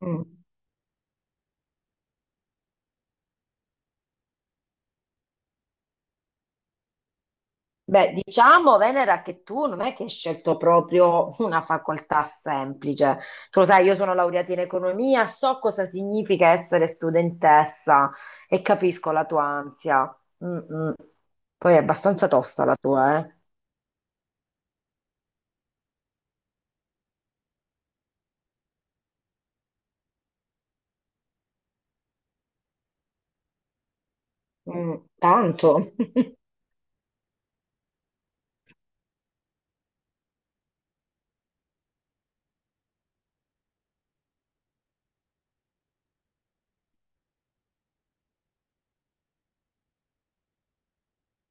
Mm. Beh, diciamo, Venera, che tu non è che hai scelto proprio una facoltà semplice. Tu lo sai, io sono laureata in economia, so cosa significa essere studentessa e capisco la tua ansia. Mm, mm. Poi è abbastanza tosta la tua, eh? Mm, tanto.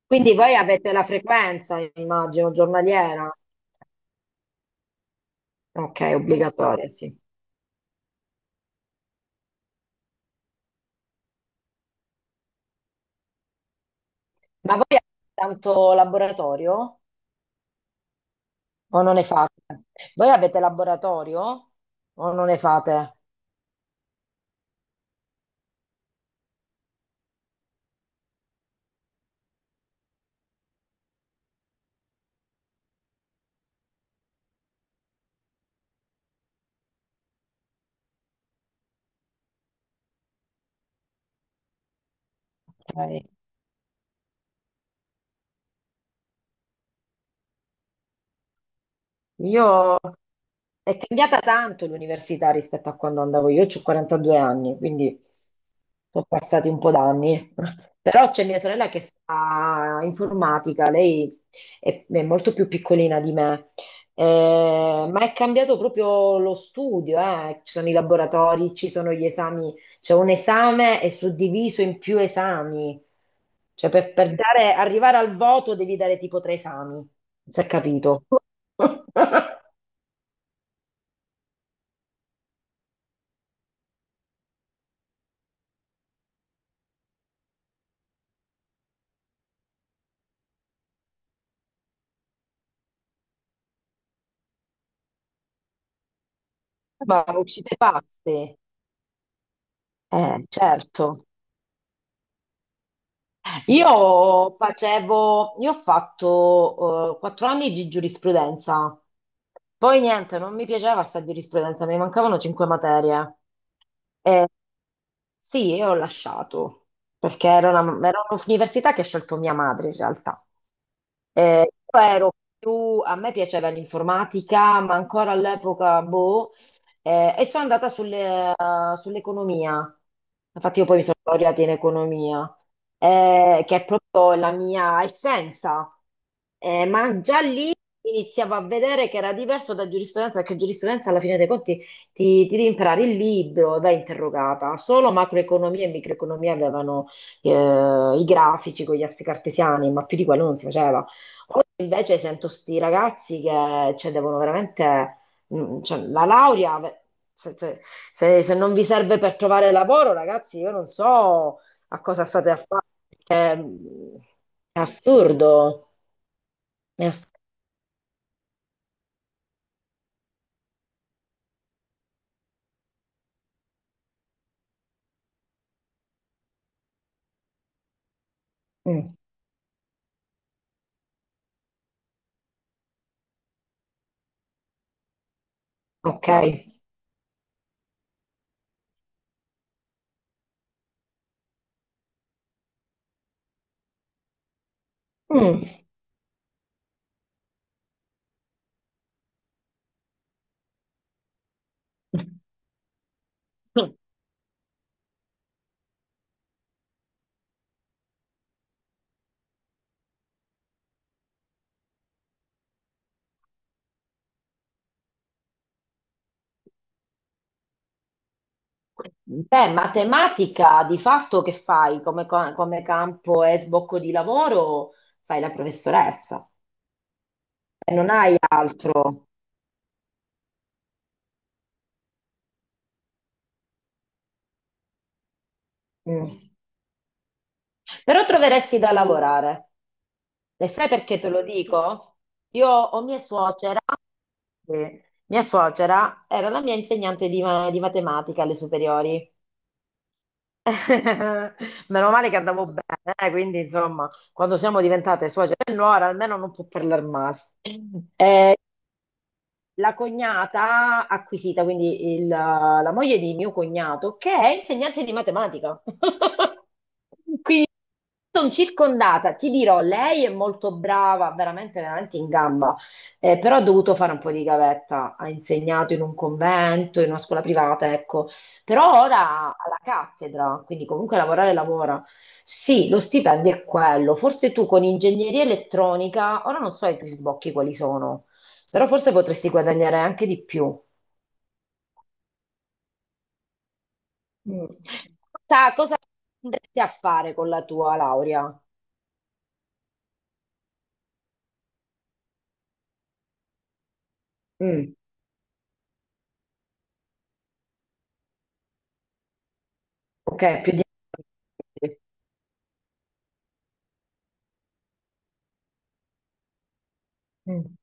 Quindi voi avete la frequenza, immagino, giornaliera. Ok, obbligatoria, sì. Ma voi avete tanto laboratorio? O non ne fate? Voi avete laboratorio o non ne fate? Ok. Io È cambiata tanto l'università rispetto a quando andavo io, ho 42 anni, quindi sono passati un po' d'anni. Però c'è mia sorella che fa informatica, lei è molto più piccolina di me. Ma è cambiato proprio lo studio, eh. Ci sono i laboratori, ci sono gli esami, c'è un esame è suddiviso in più esami, cioè per arrivare al voto devi dare tipo tre esami, non si è capito. Ma uscite pazze, certo. Io ho fatto 4 anni di giurisprudenza, poi niente, non mi piaceva sta giurisprudenza, mi mancavano 5 materie. Eh, Sì, io ho lasciato, perché era un'università che ha scelto mia madre in realtà. Io ero più, a me piaceva l'informatica, ma ancora all'epoca, boh, e sono andata sull'economia. Infatti io poi mi sono laureata in economia, che è proprio la mia essenza. Ma già lì iniziavo a vedere che era diverso da giurisprudenza, perché giurisprudenza alla fine dei conti ti devi imparare il libro, vai interrogata. Solo macroeconomia e microeconomia avevano eh, i grafici con gli assi cartesiani, ma più di quello non si faceva. Oggi invece sento sti ragazzi che cioè, devono veramente... mm, cioè, la laurea, se, se- se non vi serve per trovare lavoro, ragazzi, io non so a cosa state a fare. Perché, mm, è, assurdo. È ass- mm, ok. Mm. Beh, matematica di fatto che fai come, come campo e sbocco di lavoro? Fai la professoressa e non hai altro. Mm. Però troveresti da lavorare. E sai perché te lo dico? Io ho mia suocera. Sì. Mia suocera era la mia insegnante di matematica alle superiori. Meno male che andavo bene, quindi insomma, quando siamo diventate suocera e nuora, almeno non può parlare male. La cognata acquisita, quindi la moglie di mio cognato, che è insegnante di matematica. Quindi sono circondata, ti dirò, lei è molto brava, veramente, veramente in gamba, però ha dovuto fare un po' di gavetta, ha insegnato in un convento, in una scuola privata, ecco, però ora alla cattedra, quindi comunque lavorare lavora. Sì, lo stipendio è quello, forse tu con ingegneria elettronica, ora non so i tuoi sbocchi quali sono, però forse potresti guadagnare anche di più. Mm. Cosa andresti a fare con la tua laurea? Mm, ok, più di... Mm.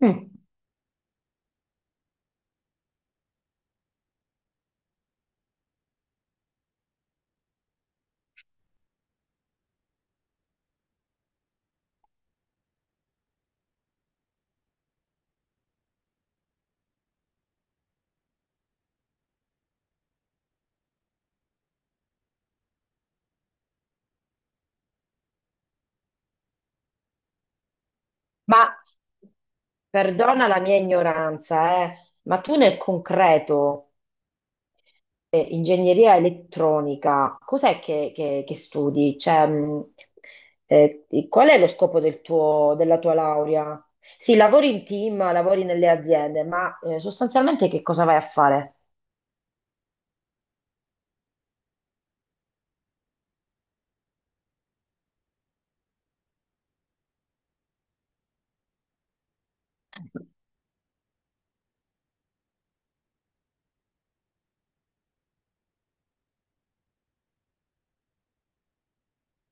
Mm. Ma perdona la mia ignoranza, ma tu nel concreto, ingegneria elettronica, cos'è che studi? Cioè, qual è lo scopo della tua laurea? Sì, lavori in team, lavori nelle aziende, ma sostanzialmente che cosa vai a fare?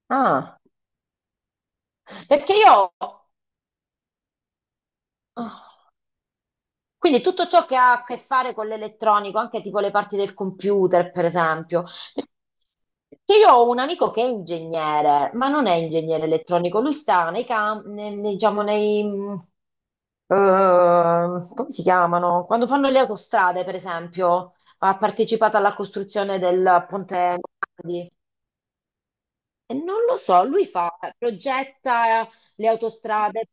Ah, perché io. Ah. Quindi tutto ciò che ha a che fare con l'elettronico, anche tipo le parti del computer, per esempio. Perché io ho un amico che è ingegnere, ma non è ingegnere elettronico, lui sta nei campi, diciamo, nei, eh, come si chiamano? Quando fanno le autostrade, per esempio, ha partecipato alla costruzione del ponte Morandi. E non lo so, lui fa, progetta le autostrade.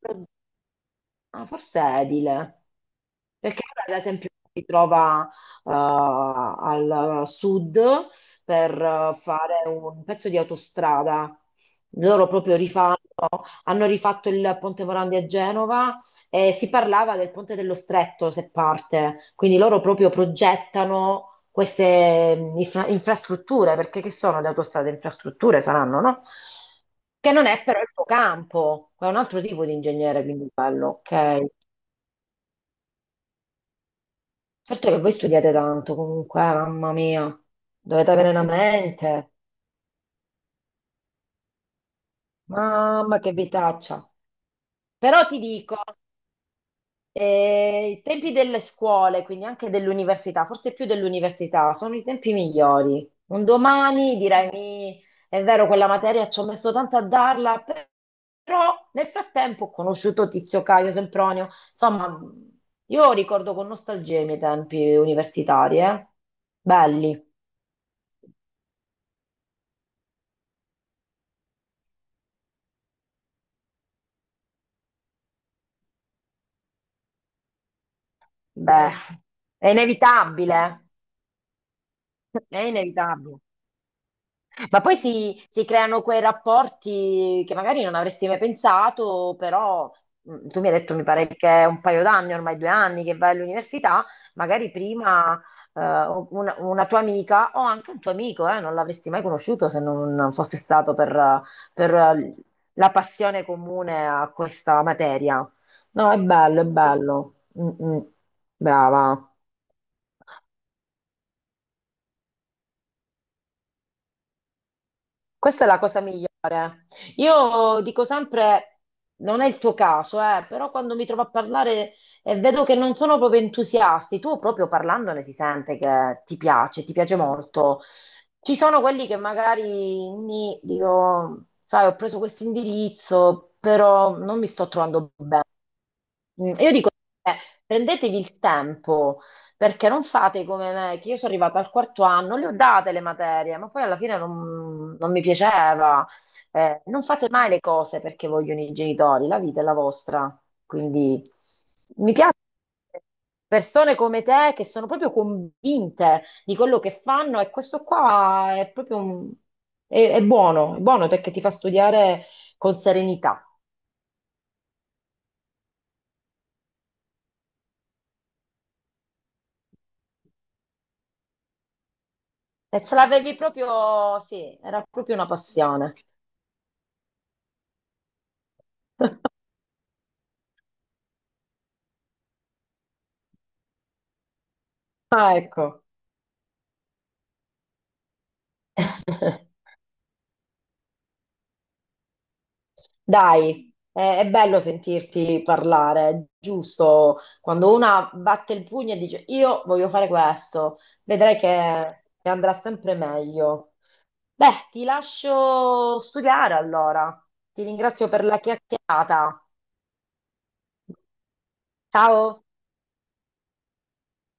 Ah, forse è edile, perché ora, ad esempio si trova al sud per fare un pezzo di autostrada. Loro proprio rifanno, hanno rifatto il Ponte Morandi a Genova e si parlava del Ponte dello Stretto, se parte. Quindi loro proprio progettano queste infrastrutture, perché che sono le autostrade? Infrastrutture saranno, no? Che non è però il tuo campo, è un altro tipo di ingegnere, quindi bello, ok? Certo che voi studiate tanto comunque, mamma mia, dovete avere una mente, mamma che vitaccia. Però ti dico, i tempi delle scuole, quindi anche dell'università, forse più dell'università, sono i tempi migliori. Un domani direi, è vero, quella materia ci ho messo tanto a darla, però nel frattempo ho conosciuto Tizio Caio Sempronio". Insomma, io ricordo con nostalgia i miei tempi universitari, eh? Belli. Beh, è inevitabile, è inevitabile. Ma poi si creano quei rapporti che magari non avresti mai pensato, però tu mi hai detto, mi pare che è un paio d'anni, ormai 2 anni che vai all'università, magari prima eh, una tua amica o anche un tuo amico, non l'avresti mai conosciuto se non fosse stato per la passione comune a questa materia. No, è bello, è bello. Mm, mm. Brava. Questa è la cosa. Io dico sempre, non è il tuo caso, però quando mi trovo a parlare e vedo che non sono proprio entusiasti, tu proprio parlandone si sente che ti piace molto. Ci sono quelli che magari dico, sai, ho preso questo indirizzo, però non mi sto trovando. Mm, io dico, eh, prendetevi il tempo, perché non fate come me, che io sono arrivata al 4° anno, le ho date le materie, ma poi alla fine non, non mi piaceva. Non fate mai le cose perché vogliono i genitori, la vita è la vostra. Quindi mi piace persone come te che sono proprio convinte di quello che fanno e questo qua è proprio un- è buono perché ti fa studiare con serenità. E ce l'avevi proprio, sì, era proprio una passione. Ah, ecco. Dai, è bello sentirti parlare, è giusto. Quando una batte il pugno e dice io voglio fare questo, vedrai che andrà sempre meglio. Beh, ti lascio studiare allora. Ti ringrazio per la chiacchierata. Ciao.